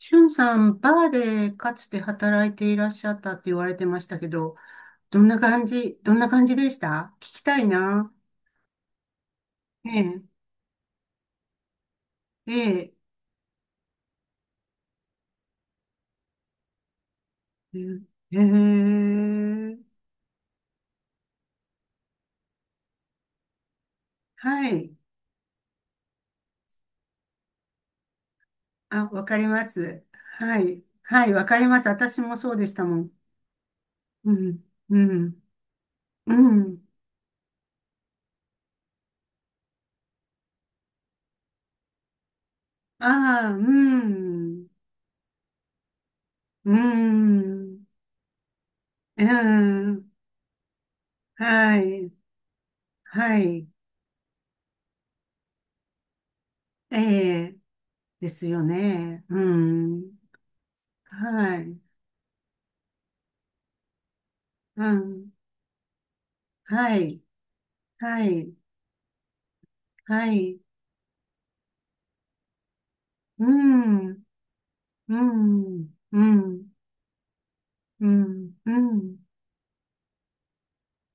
しゅんさん、バーでかつて働いていらっしゃったって言われてましたけど、どんな感じでした聞きたいな。ええ、ええ、ええ、ええはい。あ、わかります。はい。はい、わかります。私もそうでしたもん。うん、うん、うん。ああ、うん、うん、うん。はい、はい。ええ、ですよね。うん、はい。うん。はい。はい。はい。うん。うん。うん。うん。うん。うん。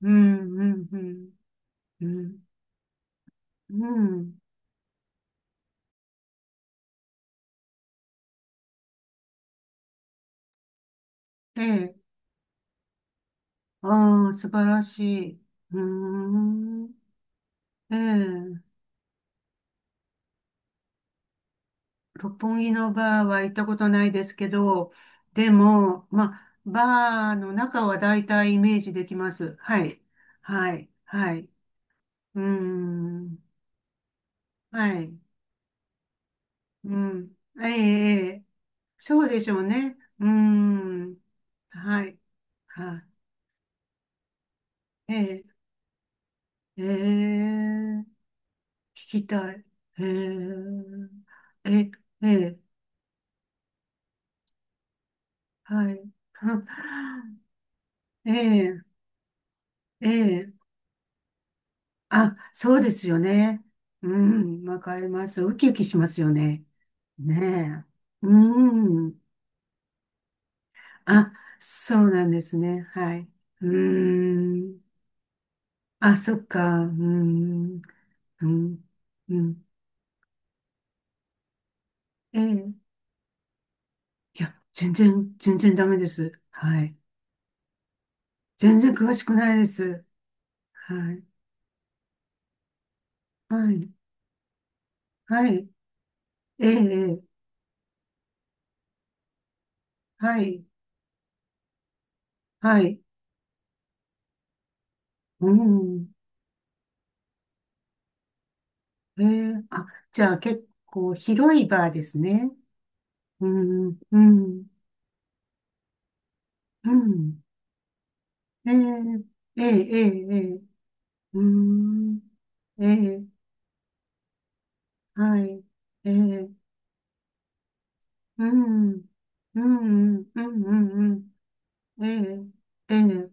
うん。うん。うん。うんええ。ああ、素晴らしい。うーん。ええ。六本木のバーは行ったことないですけど、でも、まあ、バーの中は大体イメージできます。はい。はい。はい。うーん。はい。うん。ええ、ええそうでしょうね。うーん。はい。はい。ええ、ええ、聞きたい。ええ、え、ええ、はい。ええ、ええ、あ、そうですよね。うん、わかります。ウキウキしますよね。ねえ。うん。あ、そうなんですね。はい。うん。あ、そっか。うん。うん。うん。ええ。いや、全然ダメです。はい。全然詳しくないです。はい。はい。はい。ええ、ええはい。はい。うん。ええ、あ、じゃあ結構広いバーですね。うん、うん、うん。ええ、ええ、ええ、ええうん。ええ、はい。ええ、うん、うん、うん、うん、うん。うんええ、ええ、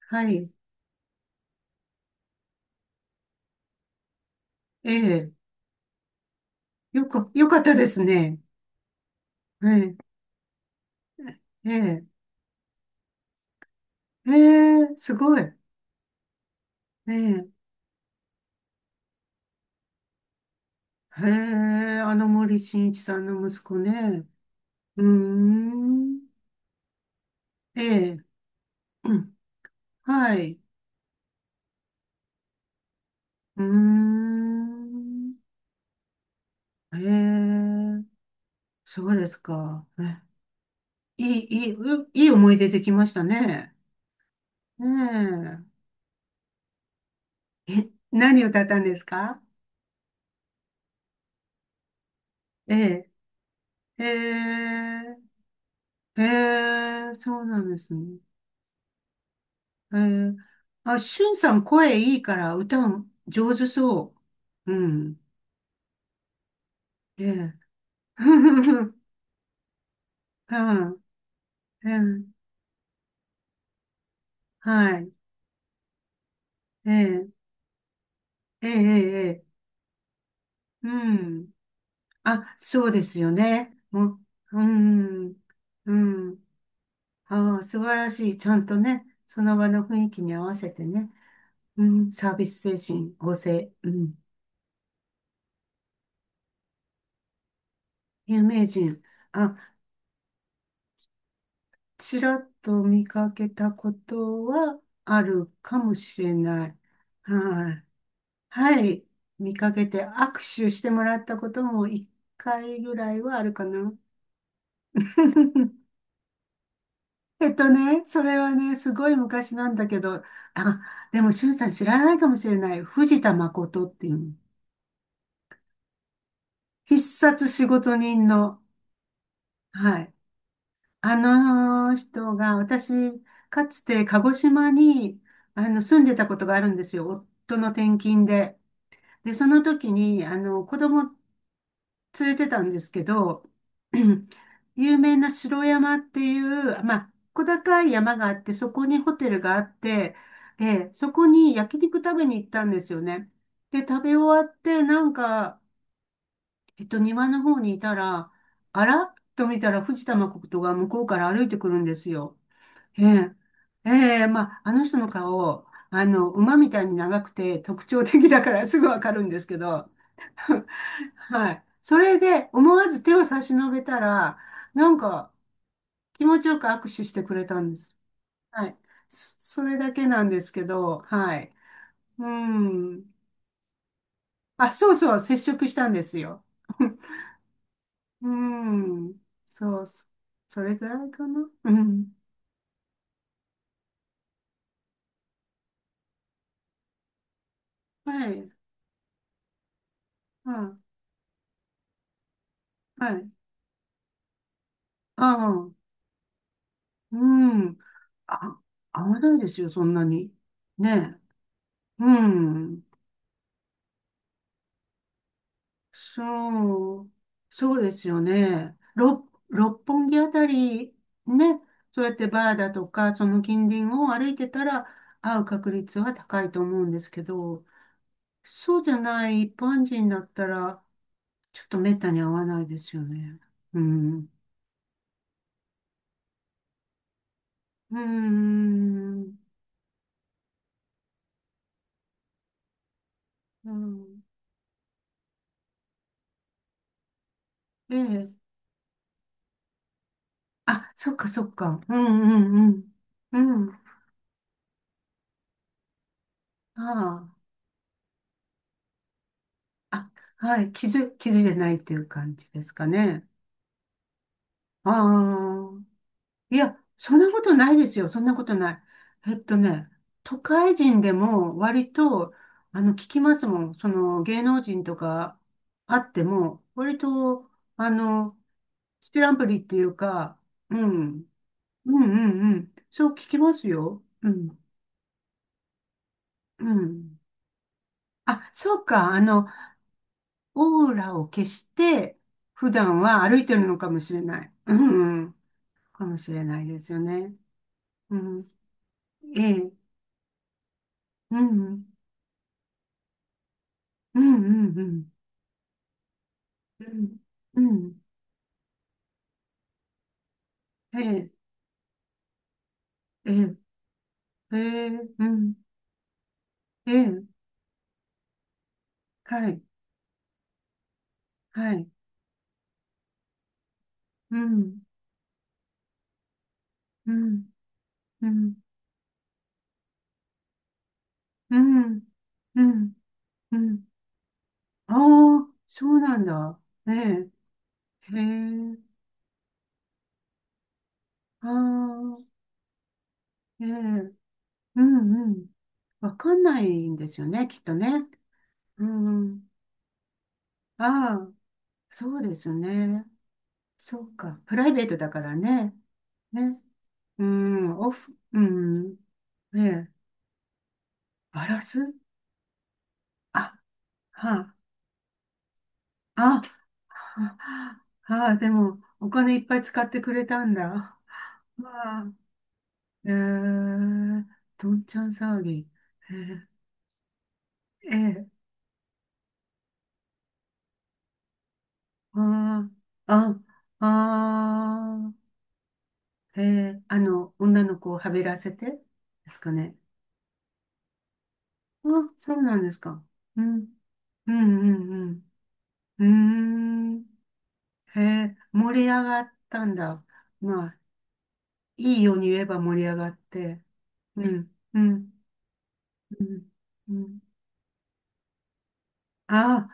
はい。ええ、よかったですね。ええええ、ええ、すごい。ええ、へえ、あの森進一さんの息子ね。うーん、ええ、うんはい。うーん、ええ、そうですか。えいい思い出できましたね。ねえ、え、何歌ったんですか？ええ、ええ、ええ、そうなんですね。えー、あ、しゅんさん声いいから歌う上手そう。うん。ええ。うん。ええ。はい。ええ。ええ。ええ。うん。あ、そうですよね。もう、うん。うん。ああ、素晴らしい。ちゃんとね、その場の雰囲気に合わせてね。うん。サービス精神旺盛。うん。有名人。あ、ちらっと見かけたことはあるかもしれない。はい。はい。見かけて握手してもらったことも一回ぐらいはあるかな。えっとね、それはね、すごい昔なんだけど、あ、でも、しゅんさん知らないかもしれない。藤田誠っていう、必殺仕事人の、はい。あの人が、私、かつて鹿児島に、住んでたことがあるんですよ。夫の転勤で。で、その時に、子供連れてたんですけど、有名な城山っていう、まあ、小高い山があって、そこにホテルがあって、ええ、そこに焼肉食べに行ったんですよね。で、食べ終わって、なんか、えっと、庭の方にいたら、あらっと見たら、藤田誠が向こうから歩いてくるんですよ。ええ、ええ、まあ、あの人の顔、馬みたいに長くて特徴的だからすぐわかるんですけど、はい。それで思わず手を差し伸べたら、なんか気持ちよく握手してくれたんです。はい。それだけなんですけど、はい。うん。あ、そうそう、接触したんですよ。うん。そう、それぐらいかな。うん。はい。うんはい。ああ。うん。あ、合わないですよ、そんなに。ねえ。うん。そう。そうですよね。六本木あたり、ね。そうやってバーだとか、その近隣を歩いてたら、会う確率は高いと思うんですけど、そうじゃない一般人だったら、ちょっと滅多に会わないですよね。うん。うーん。うん。ええ。あ、そっかそっか。うんうんうん。うん。ああ、あ、はい、気づいてないっていう感じですかね。ああ、いや、そんなことないですよ。そんなことない。えっとね、都会人でも割と、聞きますもん。その、芸能人とかあっても、割と、あの、ステランプリっていうか、うん、うん、うん、うん。そう聞きますよ。うん、うん。あ、そうか。オーラを消して、普段は歩いてるのかもしれない。うん、うん、かもしれないですよね。うん、ええ、うん、うん、うん、うん、うん、うんええ、ええ、ええ、うん、ええ、はい、はい、うん、うん、うん、うん、うん、うん。ああ、そうなんだ。ええ、へえ、ああ、ええ、うん、うん。わかんないんですよね、きっとね。うんうんああ、そうですね。そうか。プライベートだからね。ね。うん、オフ、うん。ねえ、バラすあ、はあ、あ、はあ、でも、お金いっぱい使ってくれたんだ。まあ、えー、どんちゃん騒ぎ。えー、えー、あー、あ、あー、えー、女の子をはべらせてですかね。あ、そうなんですか。うん。うんうんうん。うーん。へえ、盛り上がったんだ。まあ、いいように言えば盛り上がって。うん、うん、うん、うん。ああ、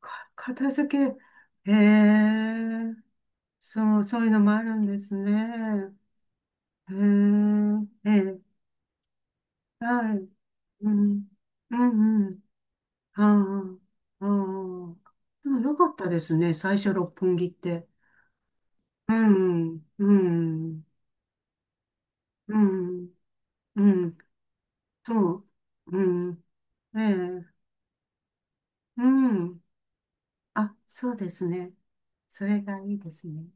か片付け。へえ、そう、そういうのもあるんですね。へえ、ええ、はい。うん、うん、うん。ああ、ああ。でもよかったですね、最初六本木って。うん、うん、うん。うん。そう。うん。ええ。うん。あ、そうですね。それがいいですね。